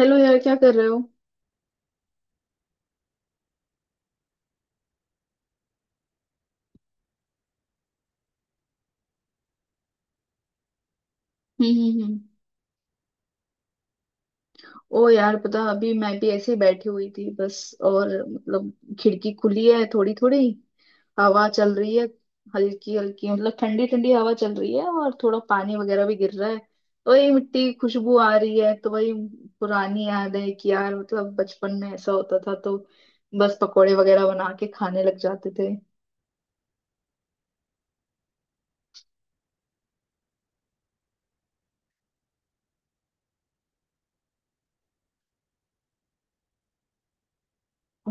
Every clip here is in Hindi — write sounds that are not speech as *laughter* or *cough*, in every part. हेलो यार, क्या कर रहे हो? हम्म हम्म हम्म। ओ यार, पता अभी मैं भी ऐसे ही बैठी हुई थी बस। और मतलब खिड़की खुली है, थोड़ी थोड़ी हवा चल रही है, हल्की हल्की मतलब ठंडी ठंडी हवा चल रही है, और थोड़ा पानी वगैरह भी गिर रहा है। तो ये मिट्टी की खुशबू आ रही है, तो वही पुरानी याद है कि यार मतलब बचपन में ऐसा होता था, तो बस पकोड़े वगैरह बना के खाने लग जाते थे।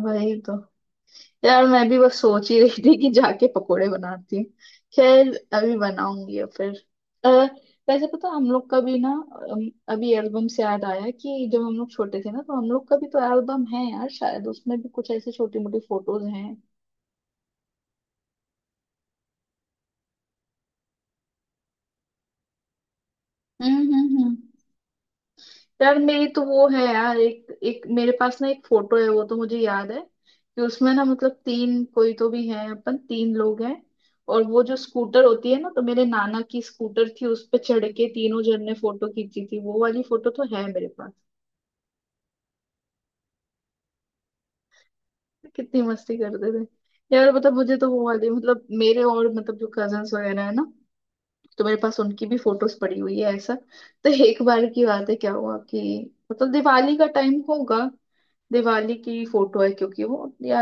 वही तो। यार मैं भी बस सोच ही रही थी कि जाके पकोड़े बनाती हूँ। खैर, अभी बनाऊंगी या फिर अ, वैसे पता हम लोग का भी ना। अभी एल्बम से याद आया कि जब हम लोग छोटे थे ना, तो हम लोग का भी तो एल्बम है यार। शायद उसमें भी कुछ ऐसी छोटी मोटी फोटोज हैं। हम्म। यार मेरी तो वो है यार, एक एक मेरे पास ना एक फोटो है। वो तो मुझे याद है कि उसमें ना मतलब तीन, कोई तो भी है, अपन तीन लोग हैं। और वो जो स्कूटर होती है ना, तो मेरे नाना की स्कूटर थी, उस पे चढ़ के तीनों जन ने फोटो खींची थी। वो वाली फोटो तो है मेरे पास। कितनी मस्ती करते थे। यार मतलब मुझे तो वो वाली, मतलब मेरे और मतलब जो कजन्स वगैरह है ना, तो मेरे पास उनकी भी फोटोज पड़ी हुई है ऐसा। तो एक बार की बात है, क्या हुआ कि मतलब दिवाली का टाइम होगा, दिवाली की फोटो है क्योंकि वो या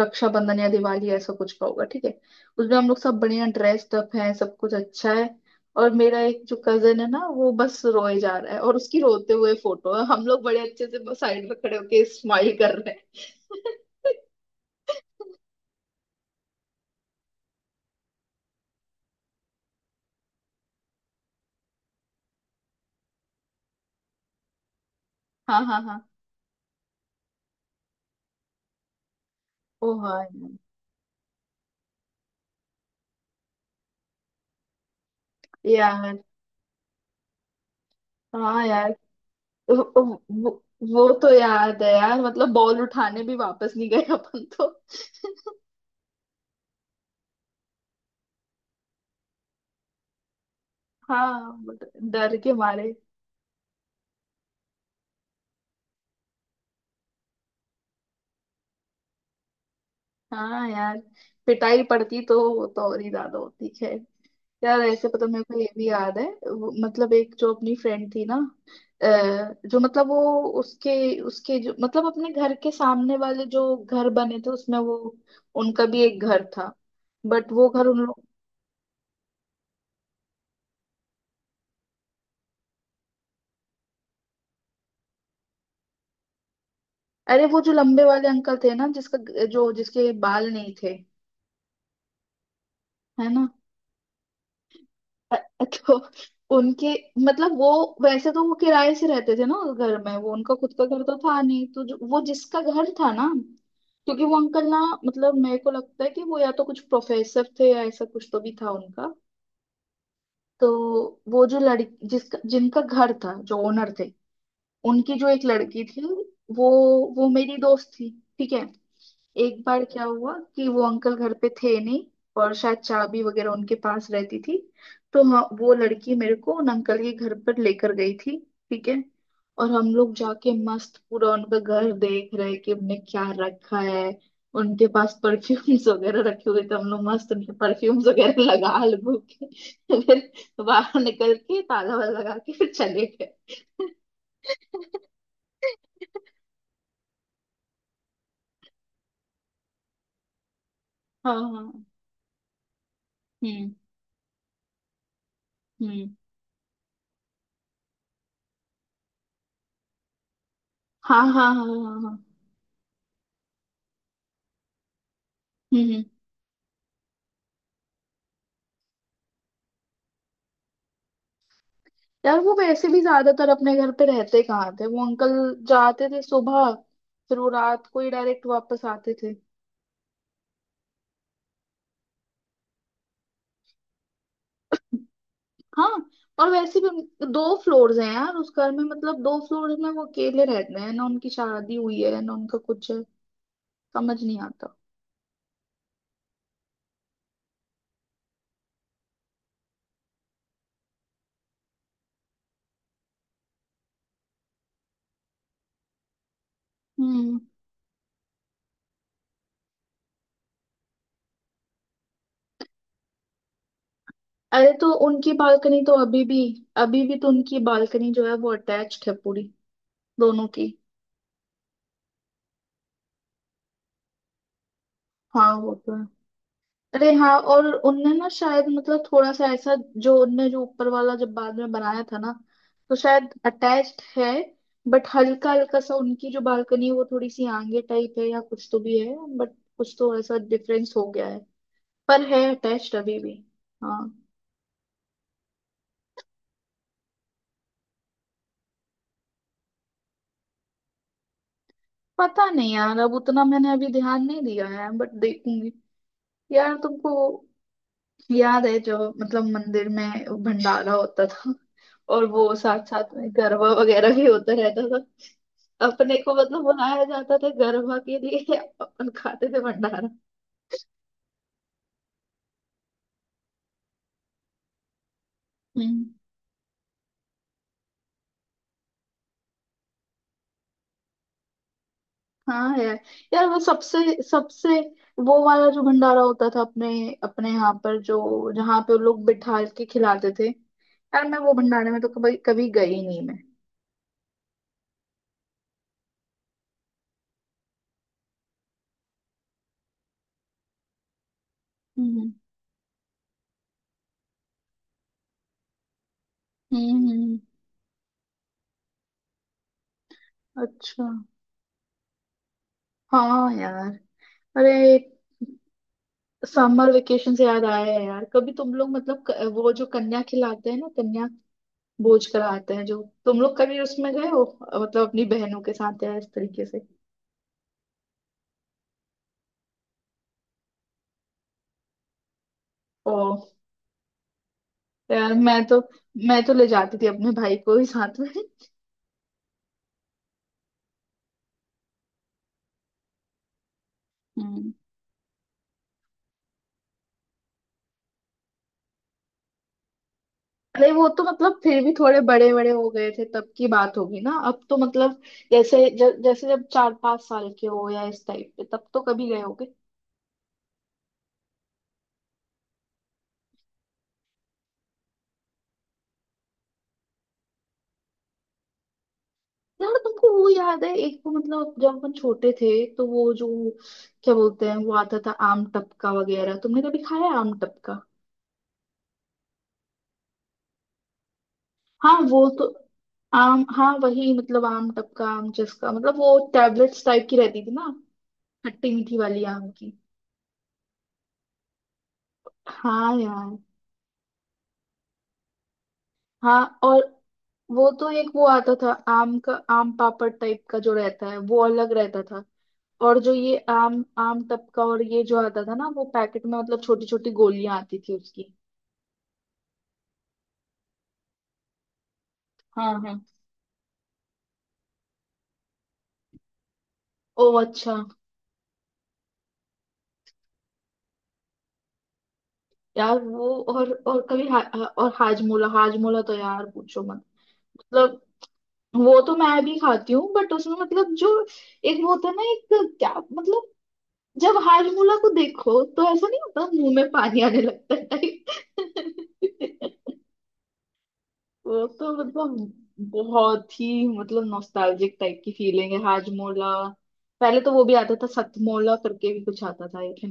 रक्षाबंधन या दिवाली, ऐसा कुछ का होगा, ठीक है। उसमें हम लोग सब बढ़िया ड्रेस्ड अप हैं, सब कुछ अच्छा है, और मेरा एक जो कजन है ना वो बस रोए जा रहा है, और उसकी रोते हुए फोटो है। हम लोग बड़े अच्छे से साइड में खड़े होके स्माइल कर रहे हैं। *laughs* हाँ हाँ हाँ। ओ हाँ। यार यार, हाँ यार। वो वो तो याद है यार, मतलब बॉल उठाने भी वापस नहीं गए अपन तो। हाँ but डर के मारे। हाँ यार, पिटाई पड़ती तो वो तो और ही ज्यादा होती है। यार ऐसे पता मेरे को ये भी याद है, मतलब एक जो अपनी फ्रेंड थी ना। अ, जो मतलब वो उसके उसके जो मतलब अपने घर के सामने वाले जो घर बने थे उसमें वो, उनका भी एक घर था। बट वो घर उन लोग, अरे वो जो लंबे वाले अंकल थे ना, जिसका जो जिसके बाल नहीं थे, है ना। अ- *laughs* तो उनके, मतलब वो, वैसे तो वो किराए से रहते थे ना उस घर में। वो उनका खुद का घर तो था नहीं, तो वो जिसका घर था ना, क्योंकि वो अंकल ना, मतलब मेरे को लगता है कि वो या तो कुछ प्रोफेसर थे या ऐसा कुछ तो भी था उनका। तो वो जो लड़की, जिसका जिनका घर था, जो ओनर थे, उनकी जो एक लड़की थी, वो वो मेरी दोस्त थी, ठीक है। एक बार क्या हुआ कि वो अंकल घर पे थे नहीं, और शायद चाबी वगैरह उनके पास रहती थी। तो हाँ वो लड़की मेरे को उन अंकल के घर पर लेकर गई थी, ठीक है। और हम लोग जाके मस्त पूरा उनका घर देख रहे कि उनने क्या रखा है। उनके पास परफ्यूम्स वगैरह रखे हुए थे, हम लोग मस्त उनके परफ्यूम्स वगैरह लगा लगू के फिर बाहर निकल के ताला वाला लगा के फिर चले गए। *laughs* हाँ हाँ। हम्म हम्म। हाँ हाँ हाँ हाँ हाँ। हम्म हम्म। यार वो वैसे भी ज्यादातर अपने घर पे रहते कहाँ थे वो अंकल? जाते थे सुबह, फिर वो रात को ही डायरेक्ट वापस आते थे। हाँ। और वैसे भी दो फ्लोर्स हैं यार उस घर में, मतलब दो फ्लोर्स में वो अकेले रहते हैं ना, उनकी शादी हुई है ना उनका कुछ है, समझ नहीं आता। हम्म। अरे तो उनकी बालकनी तो अभी भी, अभी भी तो उनकी बालकनी जो है वो अटैच्ड है पूरी, दोनों की। हाँ वो तो है। अरे हाँ, और उनने ना शायद मतलब थोड़ा सा ऐसा, जो उनने जो ऊपर वाला जब बाद में बनाया था ना, तो शायद अटैच्ड है। बट हल्का हल्का सा उनकी जो बालकनी है वो थोड़ी सी आगे टाइप है या कुछ तो भी है, बट कुछ तो ऐसा डिफरेंस हो गया है। पर है अटैच्ड अभी भी। हाँ। पता नहीं यार, अब उतना मैंने अभी ध्यान नहीं दिया है, बट देखूंगी। यार तुमको वो याद है, जो मतलब मंदिर में भंडारा होता था, और वो साथ साथ में गरबा वगैरह भी होता रहता था? अपने को मतलब बुलाया जाता था गरबा के लिए, अपन खाते थे भंडारा। हम्म। हाँ यार। यार वो सबसे सबसे, वो वाला जो भंडारा होता था अपने, अपने यहाँ पर जो जहाँ पे वो लोग बिठा के खिलाते थे, यार मैं वो भंडारे में तो कभी कभी गई ही नहीं मैं। हम्म हम्म हम्म। अच्छा। हाँ यार। अरे, समर वेकेशन से याद आया है यार, कभी तुम लोग मतलब वो जो कन्या खिलाते हैं ना, कन्या बोझ कराते हैं, जो तुम लोग कभी उसमें गए हो मतलब अपनी बहनों के साथ या इस तरीके से? ओ यार, मैं तो, मैं तो ले जाती थी अपने भाई को ही साथ में। हम्म। अरे वो तो मतलब फिर भी थोड़े बड़े बड़े हो गए थे तब की बात होगी ना, अब तो मतलब जैसे जैसे जब चार पांच साल के हो या इस टाइप पे तब तो कभी गए होगे। यार तुमको वो याद है, एक वो मतलब जब अपन छोटे थे, तो वो जो क्या बोलते हैं, वो आता था आम टपका वगैरह, तुमने कभी खाया है आम टपका? हाँ वो तो, आम हाँ वही, मतलब आम टपका, आम जिसका मतलब वो टैबलेट्स टाइप की रहती थी ना, खट्टी मीठी वाली आम की। हाँ यार। हाँ और वो तो, एक वो आता था आम का, आम पापड़ टाइप का जो रहता है वो अलग रहता था, और जो ये आम, आम टपका और ये जो आता था ना वो पैकेट में, मतलब छोटी छोटी गोलियां आती थी उसकी। हाँ हाँ। ओ अच्छा। यार वो, और कभी हा, हा- और हाजमोला, हाजमोला तो यार पूछो मत। मतलब वो तो मैं भी खाती हूँ, बट उसमें मतलब जो एक वो होता है ना, एक क्या मतलब, जब हाजमोला को देखो तो ऐसा नहीं होता मुंह में पानी आने लगता है टाइप? *laughs* वो तो मतलब बहुत ही मतलब नॉस्टैल्जिक टाइप की फीलिंग है हाजमोला। पहले तो वो भी आता था, सतमोला करके भी कुछ आता था एक है।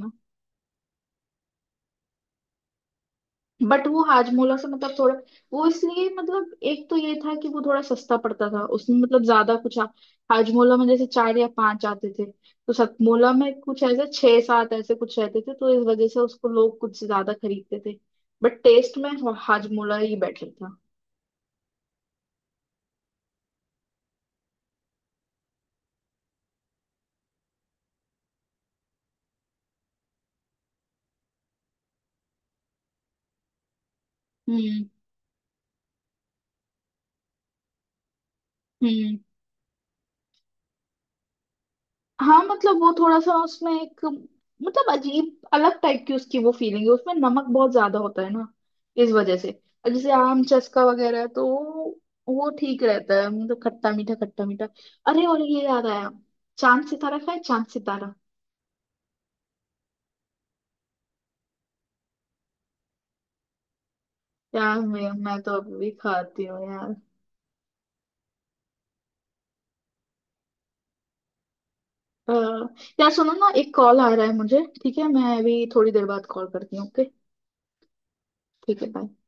बट वो हाजमोला से मतलब थोड़ा, वो इसलिए मतलब एक तो ये था कि वो थोड़ा सस्ता पड़ता था, उसमें मतलब ज्यादा कुछ हाजमोला में जैसे चार या पांच आते थे, तो सतमोला में कुछ ऐसे छह सात ऐसे कुछ रहते थे, तो इस वजह से उसको लोग कुछ ज्यादा खरीदते थे। बट टेस्ट में हाजमोला ही बेटर था। हम्म हम्म। हाँ मतलब वो थोड़ा सा उसमें एक मतलब अजीब अलग टाइप की उसकी वो फीलिंग है, उसमें नमक बहुत ज्यादा होता है ना, इस वजह से। और जैसे आम चस्का वगैरह है, तो वो ठीक रहता है, मतलब खट्टा मीठा खट्टा मीठा। अरे और ये याद आया, चांद सितारा, खाए चांद सितारा? यार मैं तो अभी भी खाती हूँ यार। अ, यार सुनो ना, एक कॉल आ रहा है मुझे, ठीक है? मैं अभी थोड़ी देर बाद कॉल करती हूँ, ओके? ठीक है, bye.